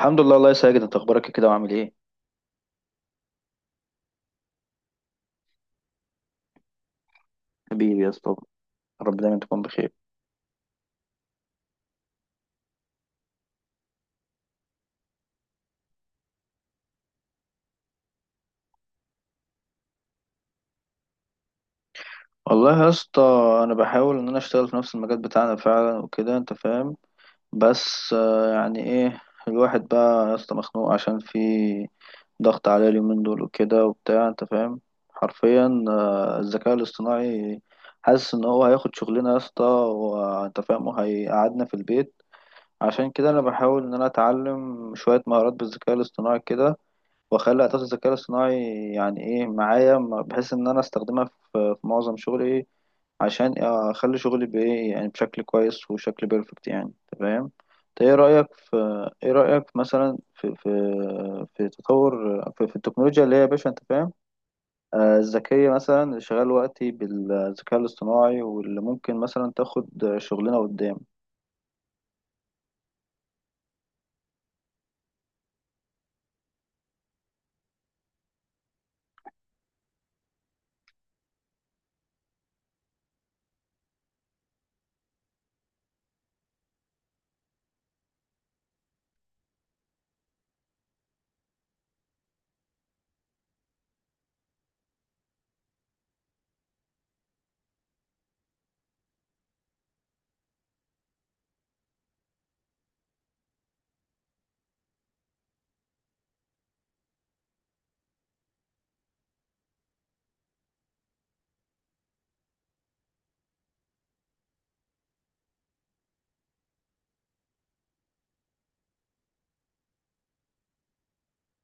الحمد لله، الله يسعدك. انت اخبارك ايه كده وعامل ايه؟ حبيبي يا اسطى. رب دايما تكون بخير. والله يا اسطى، انا بحاول ان انا اشتغل في نفس المجال بتاعنا فعلا وكده، انت فاهم. بس يعني ايه، الواحد بقى يا اسطى مخنوق عشان في ضغط عليه اليومين دول وكده وبتاع، انت فاهم. حرفيا الذكاء الاصطناعي، حاسس ان هو هياخد شغلنا يا اسطى وانت فاهم، وهيقعدنا في البيت. عشان كده انا بحاول ان انا اتعلم شوية مهارات بالذكاء الاصطناعي كده، واخلي اعتقد الذكاء الاصطناعي يعني ايه معايا، بحيث ان انا استخدمها في معظم شغلي ايه، عشان اخلي شغلي بايه يعني بشكل كويس وشكل بيرفكت يعني. تمام. ايه رايك في ايه رايك مثلا في تطور في التكنولوجيا اللي هي يا باشا، انت فاهم. الذكيه مثلا اللي شغال وقتي بالذكاء الاصطناعي، واللي ممكن مثلا تاخد شغلنا قدام.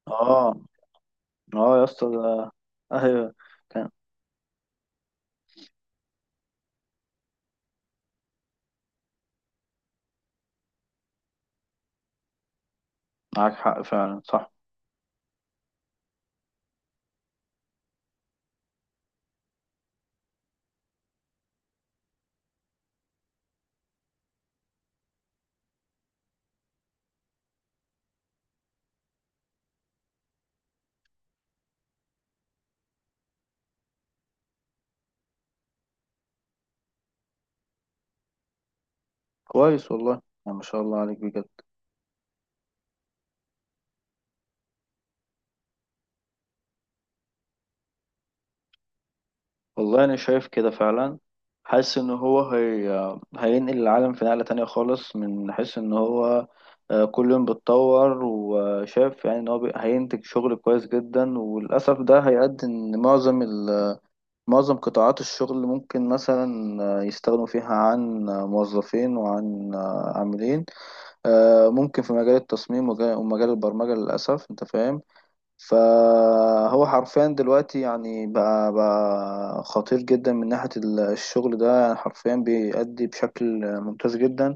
اه، اه يا اسطى، ايوه، كان معاك حق فعلا، صح. كويس والله. يعني ما شاء الله عليك بجد. والله انا شايف كده فعلا. حاسس ان هو هينقل العالم في نقلة تانية خالص، من حيث ان هو كل يوم بيتطور، وشايف يعني ان هو هينتج شغل كويس جدا. وللاسف ده هيؤدي ان معظم معظم قطاعات الشغل ممكن مثلا يستغنوا فيها عن موظفين، وعن عاملين. ممكن في مجال التصميم ومجال البرمجة للاسف، انت فاهم. فهو حرفيا دلوقتي يعني بقى خطير جدا من ناحية الشغل ده، يعني حرفيا بيأدي بشكل ممتاز جدا.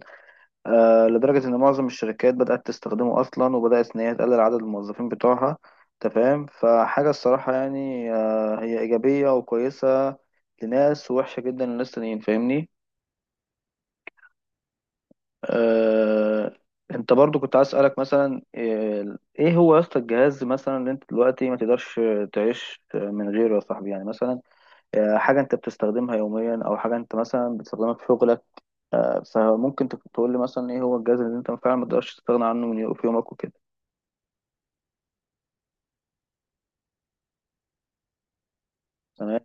لدرجة إن معظم الشركات بدأت تستخدمه أصلا، وبدأت إن هي تقلل عدد الموظفين بتوعها. تمام. فحاجة الصراحة يعني هي إيجابية وكويسة لناس، ووحشة جدا لناس تانيين، فاهمني. آه، انت برضو كنت عايز اسالك مثلا ايه هو يا اسطى الجهاز مثلا اللي انت دلوقتي ما تقدرش تعيش من غيره يا صاحبي، يعني مثلا حاجه انت بتستخدمها يوميا، او حاجه انت مثلا بتستخدمها في شغلك. فممكن تقول لي مثلا ايه هو الجهاز اللي انت فعلا ما تقدرش تستغنى عنه في يومك وكده. تمام،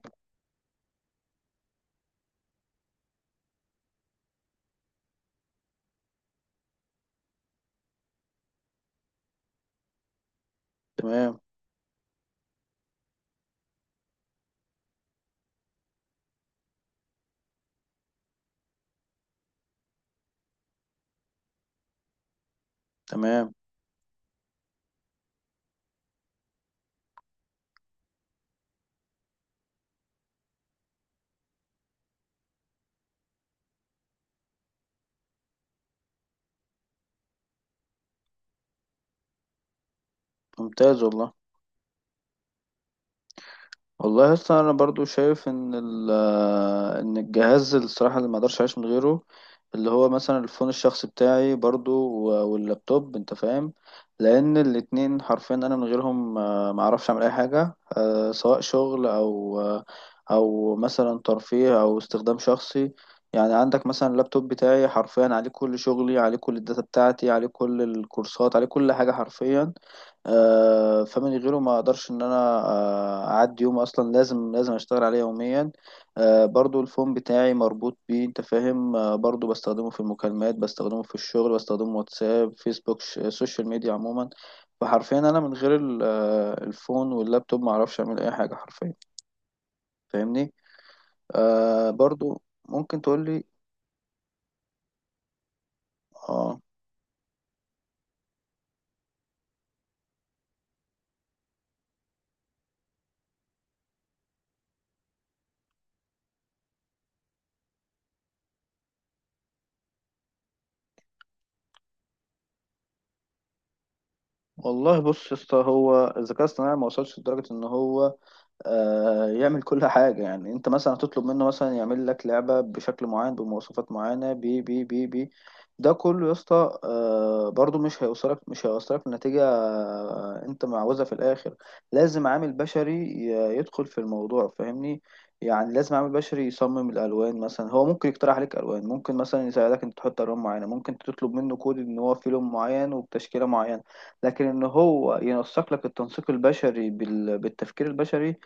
تمام، تمام. ممتاز والله. والله اصلا انا برضو شايف ان ان الجهاز الصراحه اللي ما اقدرش اعيش من غيره، اللي هو مثلا الفون الشخصي بتاعي برضو، واللابتوب، انت فاهم. لان الاتنين حرفيا انا من غيرهم ما اعرفش اعمل اي حاجه، سواء شغل، او او مثلا ترفيه او استخدام شخصي. يعني عندك مثلا، اللابتوب بتاعي حرفيا عليه كل شغلي، عليه كل الداتا بتاعتي، عليه كل الكورسات، عليه كل حاجه حرفيا. فمن غيره ما اقدرش ان انا اعدي يوم اصلا. لازم لازم اشتغل عليه يوميا. برضو الفون بتاعي مربوط بيه، انت فاهم. برضو بستخدمه في المكالمات، بستخدمه في الشغل، بستخدمه واتساب، فيسبوك، السوشيال ميديا عموما. فحرفيا انا من غير الفون واللابتوب، ما اعرفش اعمل اي حاجة حرفيا، فاهمني. برضو ممكن تقول لي. اه. والله بص يا اسطى، هو الذكاء الاصطناعي ما وصلش لدرجة ان هو يعمل كل حاجة. يعني انت مثلا هتطلب منه مثلا يعمل لك لعبة بشكل معين، بمواصفات معينة، بي بي بي بي ده كله يا اسطى برضو مش هيوصلك لنتيجة انت معوزها في الاخر. لازم عامل بشري يدخل في الموضوع، فاهمني. يعني لازم عامل بشري يصمم الالوان مثلا. هو ممكن يقترح عليك الوان، ممكن مثلا يساعدك انت تحط الوان معينة، ممكن تطلب منه كود ان هو في لون معين وبتشكيلة معينة. لكن ان هو ينسق لك التنسيق البشري بالتفكير البشري،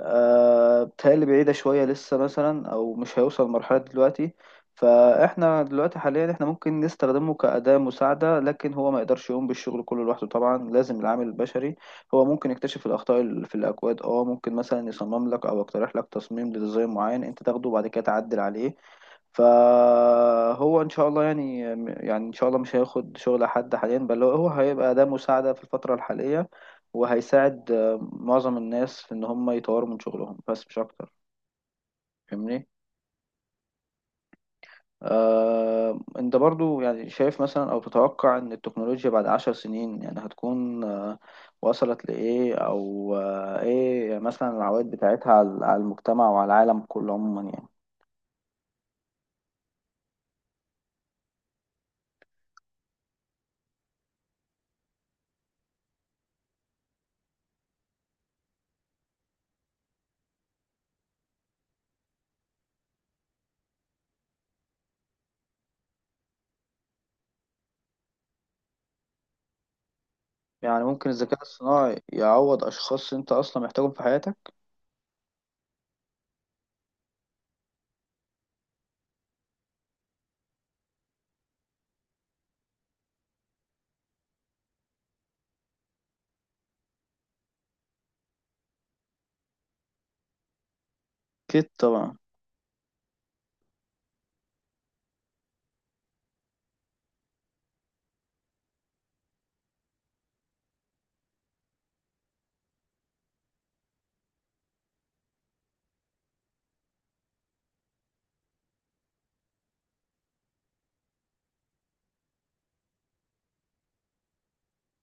بتهيألي بعيدة شوية لسه مثلا، أو مش هيوصل لمرحلة دلوقتي. فإحنا دلوقتي حاليا، إحنا ممكن نستخدمه كأداة مساعدة، لكن هو ما يقدرش يقوم بالشغل كله لوحده. طبعا لازم العامل البشري. هو ممكن يكتشف الأخطاء اللي في الأكواد. ممكن مثلا يصمم لك، أو يقترح لك تصميم لديزاين معين، أنت تاخده وبعد كده تعدل عليه. فهو ان شاء الله يعني ان شاء الله مش هياخد شغل حد حاليا، بل هو هيبقى ده مساعدة في الفترة الحالية، وهيساعد معظم الناس في ان هم يطوروا من شغلهم، بس مش اكتر، فاهمني. انت برضو يعني شايف مثلا او تتوقع ان التكنولوجيا بعد 10 سنين يعني هتكون وصلت لإيه، او ايه مثلا العوائد بتاعتها على المجتمع وعلى العالم كله عموما يعني. يعني ممكن الذكاء الصناعي يعوض اشخاص انت اصلا محتاجهم في حياتك؟ أكيد طبعا.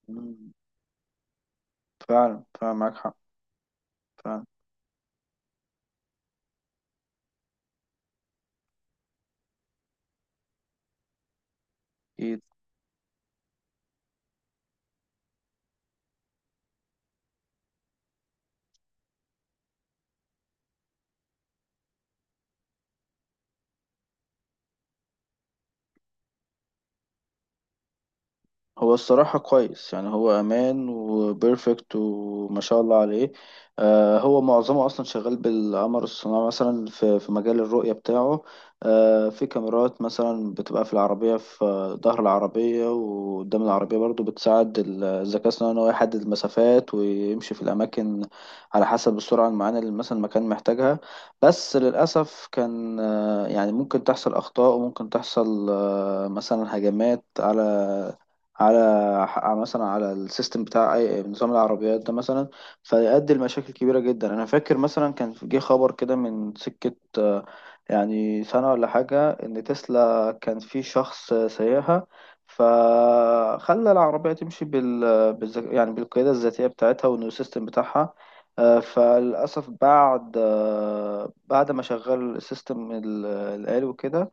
مم. فعلا فعلا معاك حق فعلا. أكيد. هو الصراحة كويس، يعني هو أمان وبيرفكت وما شاء الله عليه. هو معظمه أصلا شغال بالقمر الصناعي، مثلا في مجال الرؤية بتاعه. في كاميرات مثلا بتبقى في العربية، في ظهر العربية وقدام العربية، برضو بتساعد الذكاء الصناعي إن هو يحدد المسافات ويمشي في الأماكن، على حسب السرعة المعينة اللي مثلا المكان محتاجها. بس للأسف كان يعني ممكن تحصل أخطاء، وممكن تحصل مثلا هجمات على على مثلا على السيستم بتاع نظام العربيات ده مثلا، فيؤدي لمشاكل كبيرة جدا. انا فاكر مثلا جه خبر كده من سكة يعني سنة ولا حاجة، ان تسلا كان في شخص سايقها، فخلى العربية تمشي يعني بالقيادة الذاتية بتاعتها والنيو سيستم بتاعها. فللأسف بعد ما شغل السيستم الآلي وكده،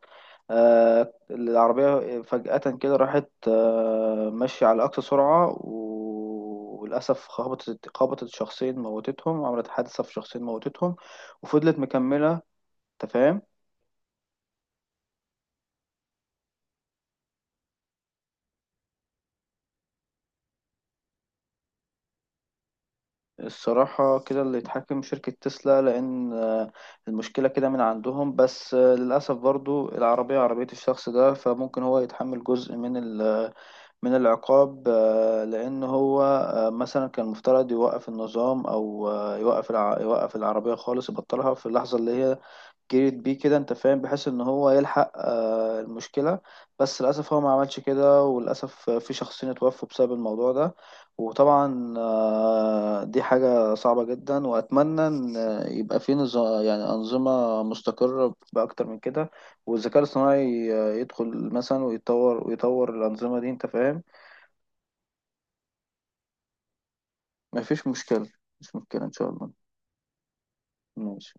العربية فجأة كده راحت ماشية على أقصى سرعة، وللأسف خبطت شخصين موتتهم، عملت حادثة في شخصين موتتهم، وفضلت مكملة. تفهم؟ الصراحة كده، اللي اتحكم شركة تسلا، لأن المشكلة كده من عندهم. بس للأسف برضو العربية عربية الشخص ده، فممكن هو يتحمل جزء من العقاب، لأن هو مثلا كان المفترض يوقف النظام، أو يوقف العربية خالص، يبطلها في اللحظة اللي هي جريت بيه كده، أنت فاهم، بحيث إن هو يلحق المشكلة. بس للأسف هو ما عملش كده، وللأسف في شخصين اتوفوا بسبب الموضوع ده. وطبعا دي حاجة صعبة جدا، وأتمنى إن يبقى في نظام، يعني أنظمة مستقرة بأكتر من كده. والذكاء الاصطناعي يدخل مثلا ويطور ويطور الأنظمة دي، أنت فاهم. مفيش مشكلة. مفيش مشكلة إن شاء الله. ماشي.